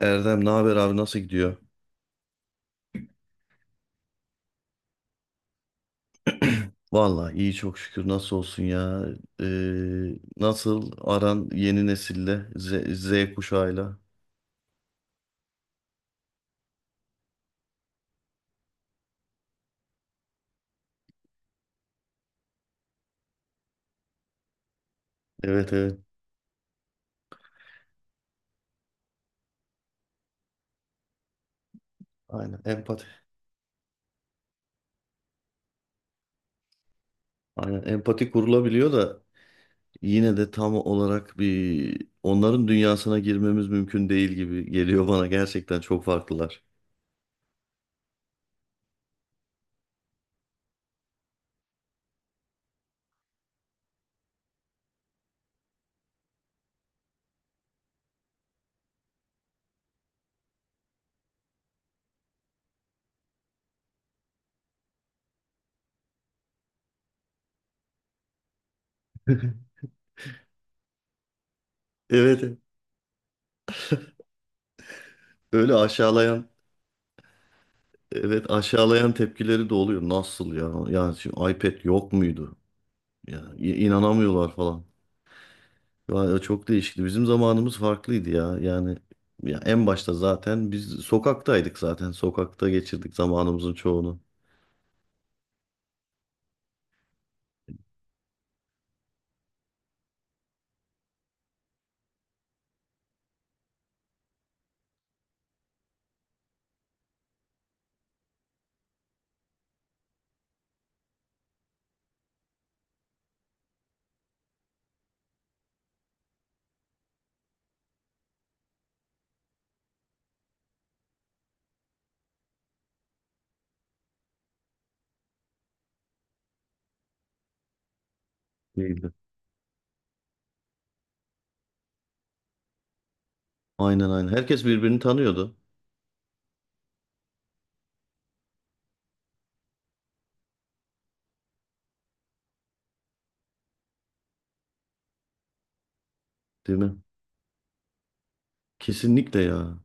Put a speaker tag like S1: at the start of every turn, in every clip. S1: Erdem, ne haber abi? Nasıl gidiyor? Vallahi iyi, çok şükür. Nasıl olsun ya. Nasıl aran yeni nesille Z kuşağıyla? Evet, evet, aynen empati. Aynen empati kurulabiliyor da yine de tam olarak bir onların dünyasına girmemiz mümkün değil gibi geliyor bana, gerçekten çok farklılar. Evet, evet. öyle aşağılayan Evet, aşağılayan tepkileri de oluyor. Nasıl ya? Yani şimdi iPad yok muydu? Ya inanamıyorlar falan. Vay, çok değişikti. Bizim zamanımız farklıydı ya. Yani, ya en başta zaten biz sokaktaydık zaten. Sokakta geçirdik zamanımızın çoğunu. Değildi. Aynen, aynen. Herkes birbirini tanıyordu, değil mi? Kesinlikle ya.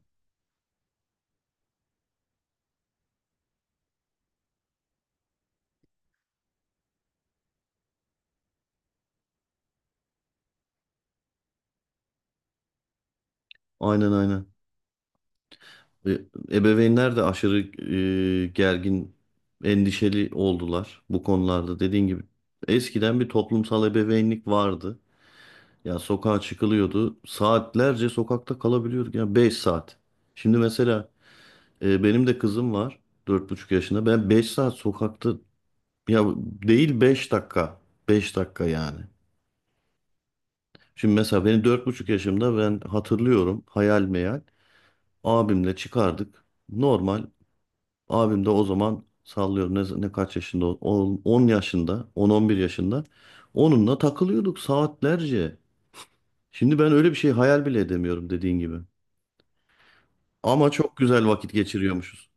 S1: Aynen, aynen. E, ebeveynler de aşırı gergin, endişeli oldular bu konularda. Dediğin gibi eskiden bir toplumsal ebeveynlik vardı. Ya sokağa çıkılıyordu. Saatlerce sokakta kalabiliyorduk. Ya 5 saat. Şimdi mesela. Benim de kızım var, 4,5 yaşında. Ben 5 saat sokakta, ya değil, 5 dakika. 5 dakika yani. Şimdi mesela benim 4,5 yaşımda ben hatırlıyorum hayal meyal. Abimle çıkardık. Normal. Abim de o zaman sallıyorum ne kaç yaşında, 10 yaşında, 11 yaşında, onunla takılıyorduk saatlerce. Şimdi ben öyle bir şey hayal bile edemiyorum, dediğin gibi. Ama çok güzel vakit geçiriyormuşuz.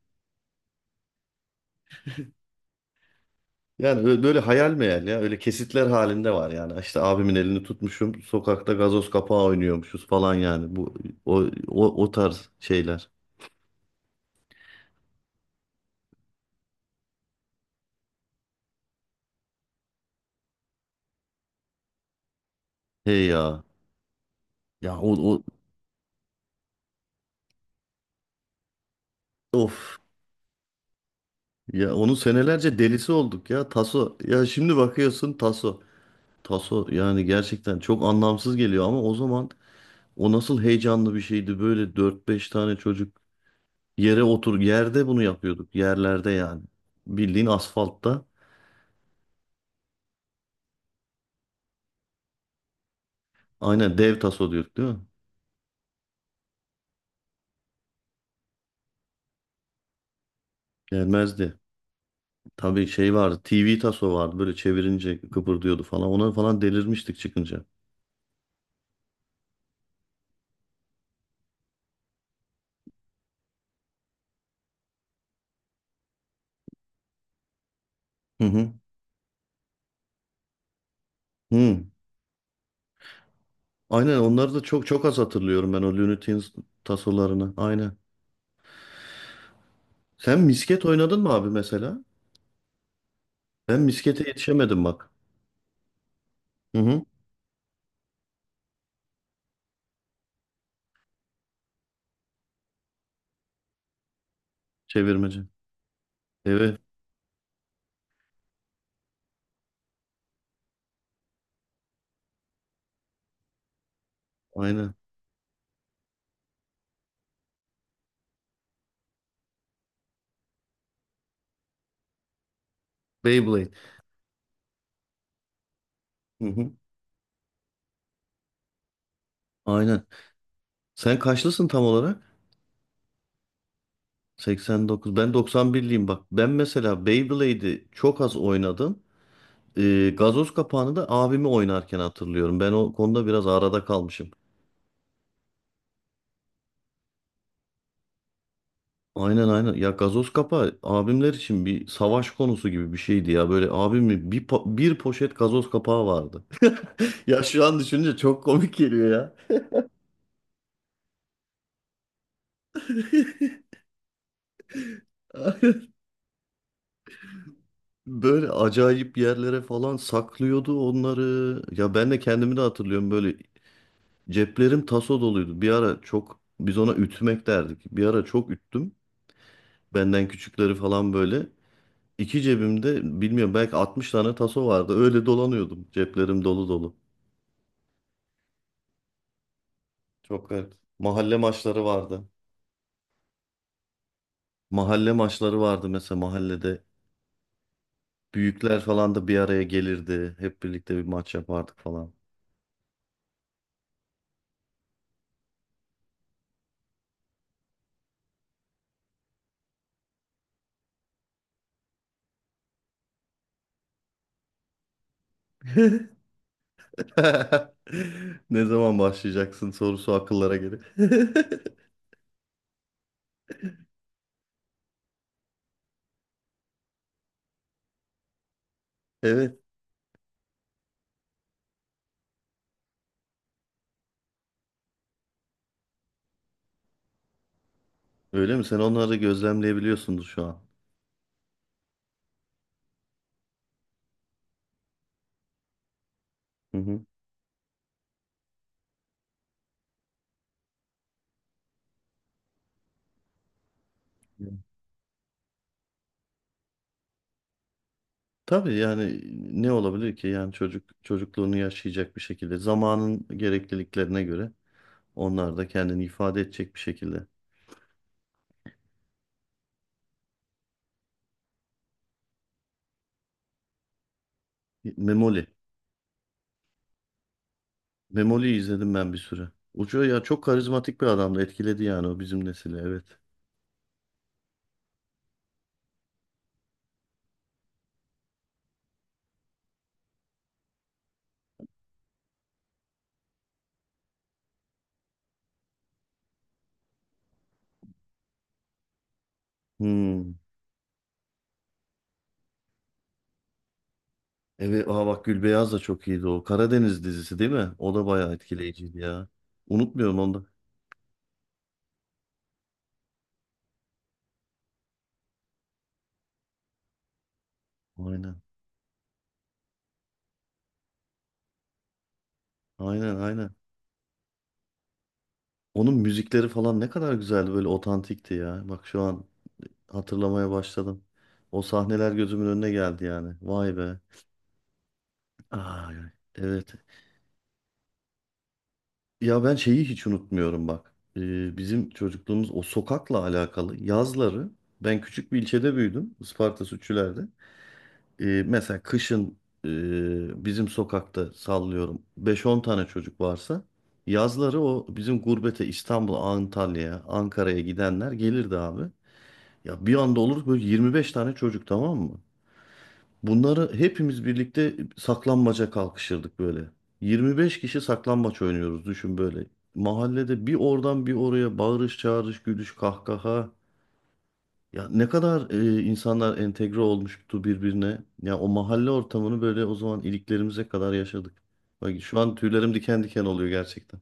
S1: Yani böyle hayal meyal ya. Öyle kesitler halinde var yani. İşte abimin elini tutmuşum. Sokakta gazoz kapağı oynuyormuşuz falan yani. Bu o o tarz şeyler. Hey ya. Ya, o, o, of. Ya onun senelerce delisi olduk ya, taso. Ya şimdi bakıyorsun, taso. Taso yani gerçekten çok anlamsız geliyor ama o zaman o nasıl heyecanlı bir şeydi. Böyle dört beş tane çocuk yere otur yerde bunu yapıyorduk. Yerlerde yani. Bildiğin asfaltta. Aynen, dev taso diyorduk, değil mi? Gelmezdi. Tabii şey vardı. TV taso vardı. Böyle çevirince kıpırdıyordu falan. Ona falan delirmiştik çıkınca. Hı hı. Hı. Aynen, onları da çok çok az hatırlıyorum ben, o Looney Tunes tasolarını. Aynen. Sen misket oynadın mı abi mesela? Ben miskete yetişemedim, bak. Hı hı. Çevirmece. Evet. Aynen. Beyblade. Hı hı. Aynen. Sen kaçlısın tam olarak? 89. Ben 91'liyim, bak. Ben mesela Beyblade'i çok az oynadım. Gazoz kapağını da abimi oynarken hatırlıyorum. Ben o konuda biraz arada kalmışım. Aynen, aynen. Ya gazoz kapağı abimler için bir savaş konusu gibi bir şeydi ya. Böyle abimin bir poşet gazoz kapağı vardı. Ya şu an düşününce çok komik geliyor ya. Böyle acayip yerlere falan saklıyordu onları. Ya ben de kendimi de hatırlıyorum, böyle ceplerim taso doluydu. Bir ara, çok biz ona ütmek derdik. Bir ara çok üttüm. Benden küçükleri falan böyle. İki cebimde bilmiyorum belki 60 tane taso vardı. Öyle dolanıyordum. Ceplerim dolu dolu. Çok garip. Mahalle maçları vardı. Mahalle maçları vardı mesela, mahallede. Büyükler falan da bir araya gelirdi. Hep birlikte bir maç yapardık falan. Ne zaman başlayacaksın sorusu akıllara gelir. Evet. Öyle mi? Sen onları gözlemleyebiliyorsundur şu an. Hı hı. Tabii yani, ne olabilir ki? Yani çocuk çocukluğunu yaşayacak bir şekilde, zamanın gerekliliklerine göre. Onlar da kendini ifade edecek bir şekilde. Memoli. Memoli'yi izledim ben bir süre. Ucu ya, çok karizmatik bir adamdı. Etkiledi yani o bizim nesili. Evet. Hmm. Evet. Aa, bak, Gülbeyaz da çok iyiydi o. Karadeniz dizisi değil mi? O da bayağı etkileyiciydi ya. Unutmuyorum onu da. Aynen. Aynen, aynen. Onun müzikleri falan ne kadar güzeldi. Böyle otantikti ya. Bak şu an hatırlamaya başladım. O sahneler gözümün önüne geldi yani. Vay be. Aa, evet. Ya ben şeyi hiç unutmuyorum, bak. Bizim çocukluğumuz o sokakla alakalı, yazları ben küçük bir ilçede büyüdüm, Isparta Sütçüler'de. Mesela kışın bizim sokakta sallıyorum beş on tane çocuk varsa, yazları o bizim gurbete İstanbul'a, Antalya'ya, Ankara'ya gidenler gelirdi abi. Ya bir anda olur böyle 25 tane çocuk, tamam mı? Bunları hepimiz birlikte saklambaca kalkışırdık böyle. 25 kişi saklambaç oynuyoruz, düşün böyle. Mahallede bir oradan bir oraya bağırış çağırış, gülüş, kahkaha. Ya ne kadar insanlar entegre olmuştu birbirine. Ya o mahalle ortamını böyle o zaman iliklerimize kadar yaşadık. Bak şu an tüylerim diken diken oluyor gerçekten.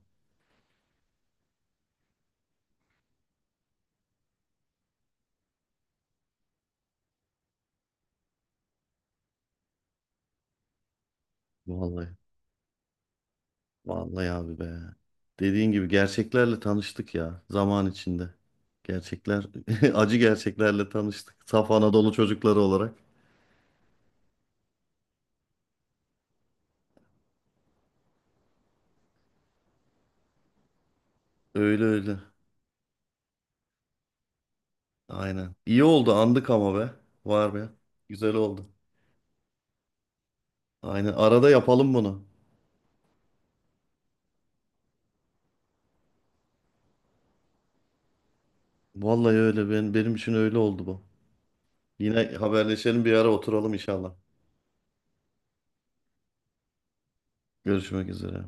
S1: Vallahi. Vallahi abi be. Dediğin gibi gerçeklerle tanıştık ya zaman içinde. Gerçekler, acı gerçeklerle tanıştık. Saf Anadolu çocukları olarak. Öyle, öyle. Aynen. İyi oldu andık ama be. Var be. Güzel oldu. Aynen. Arada yapalım bunu. Vallahi öyle. Benim için öyle oldu bu. Yine haberleşelim, bir ara oturalım inşallah. Görüşmek üzere.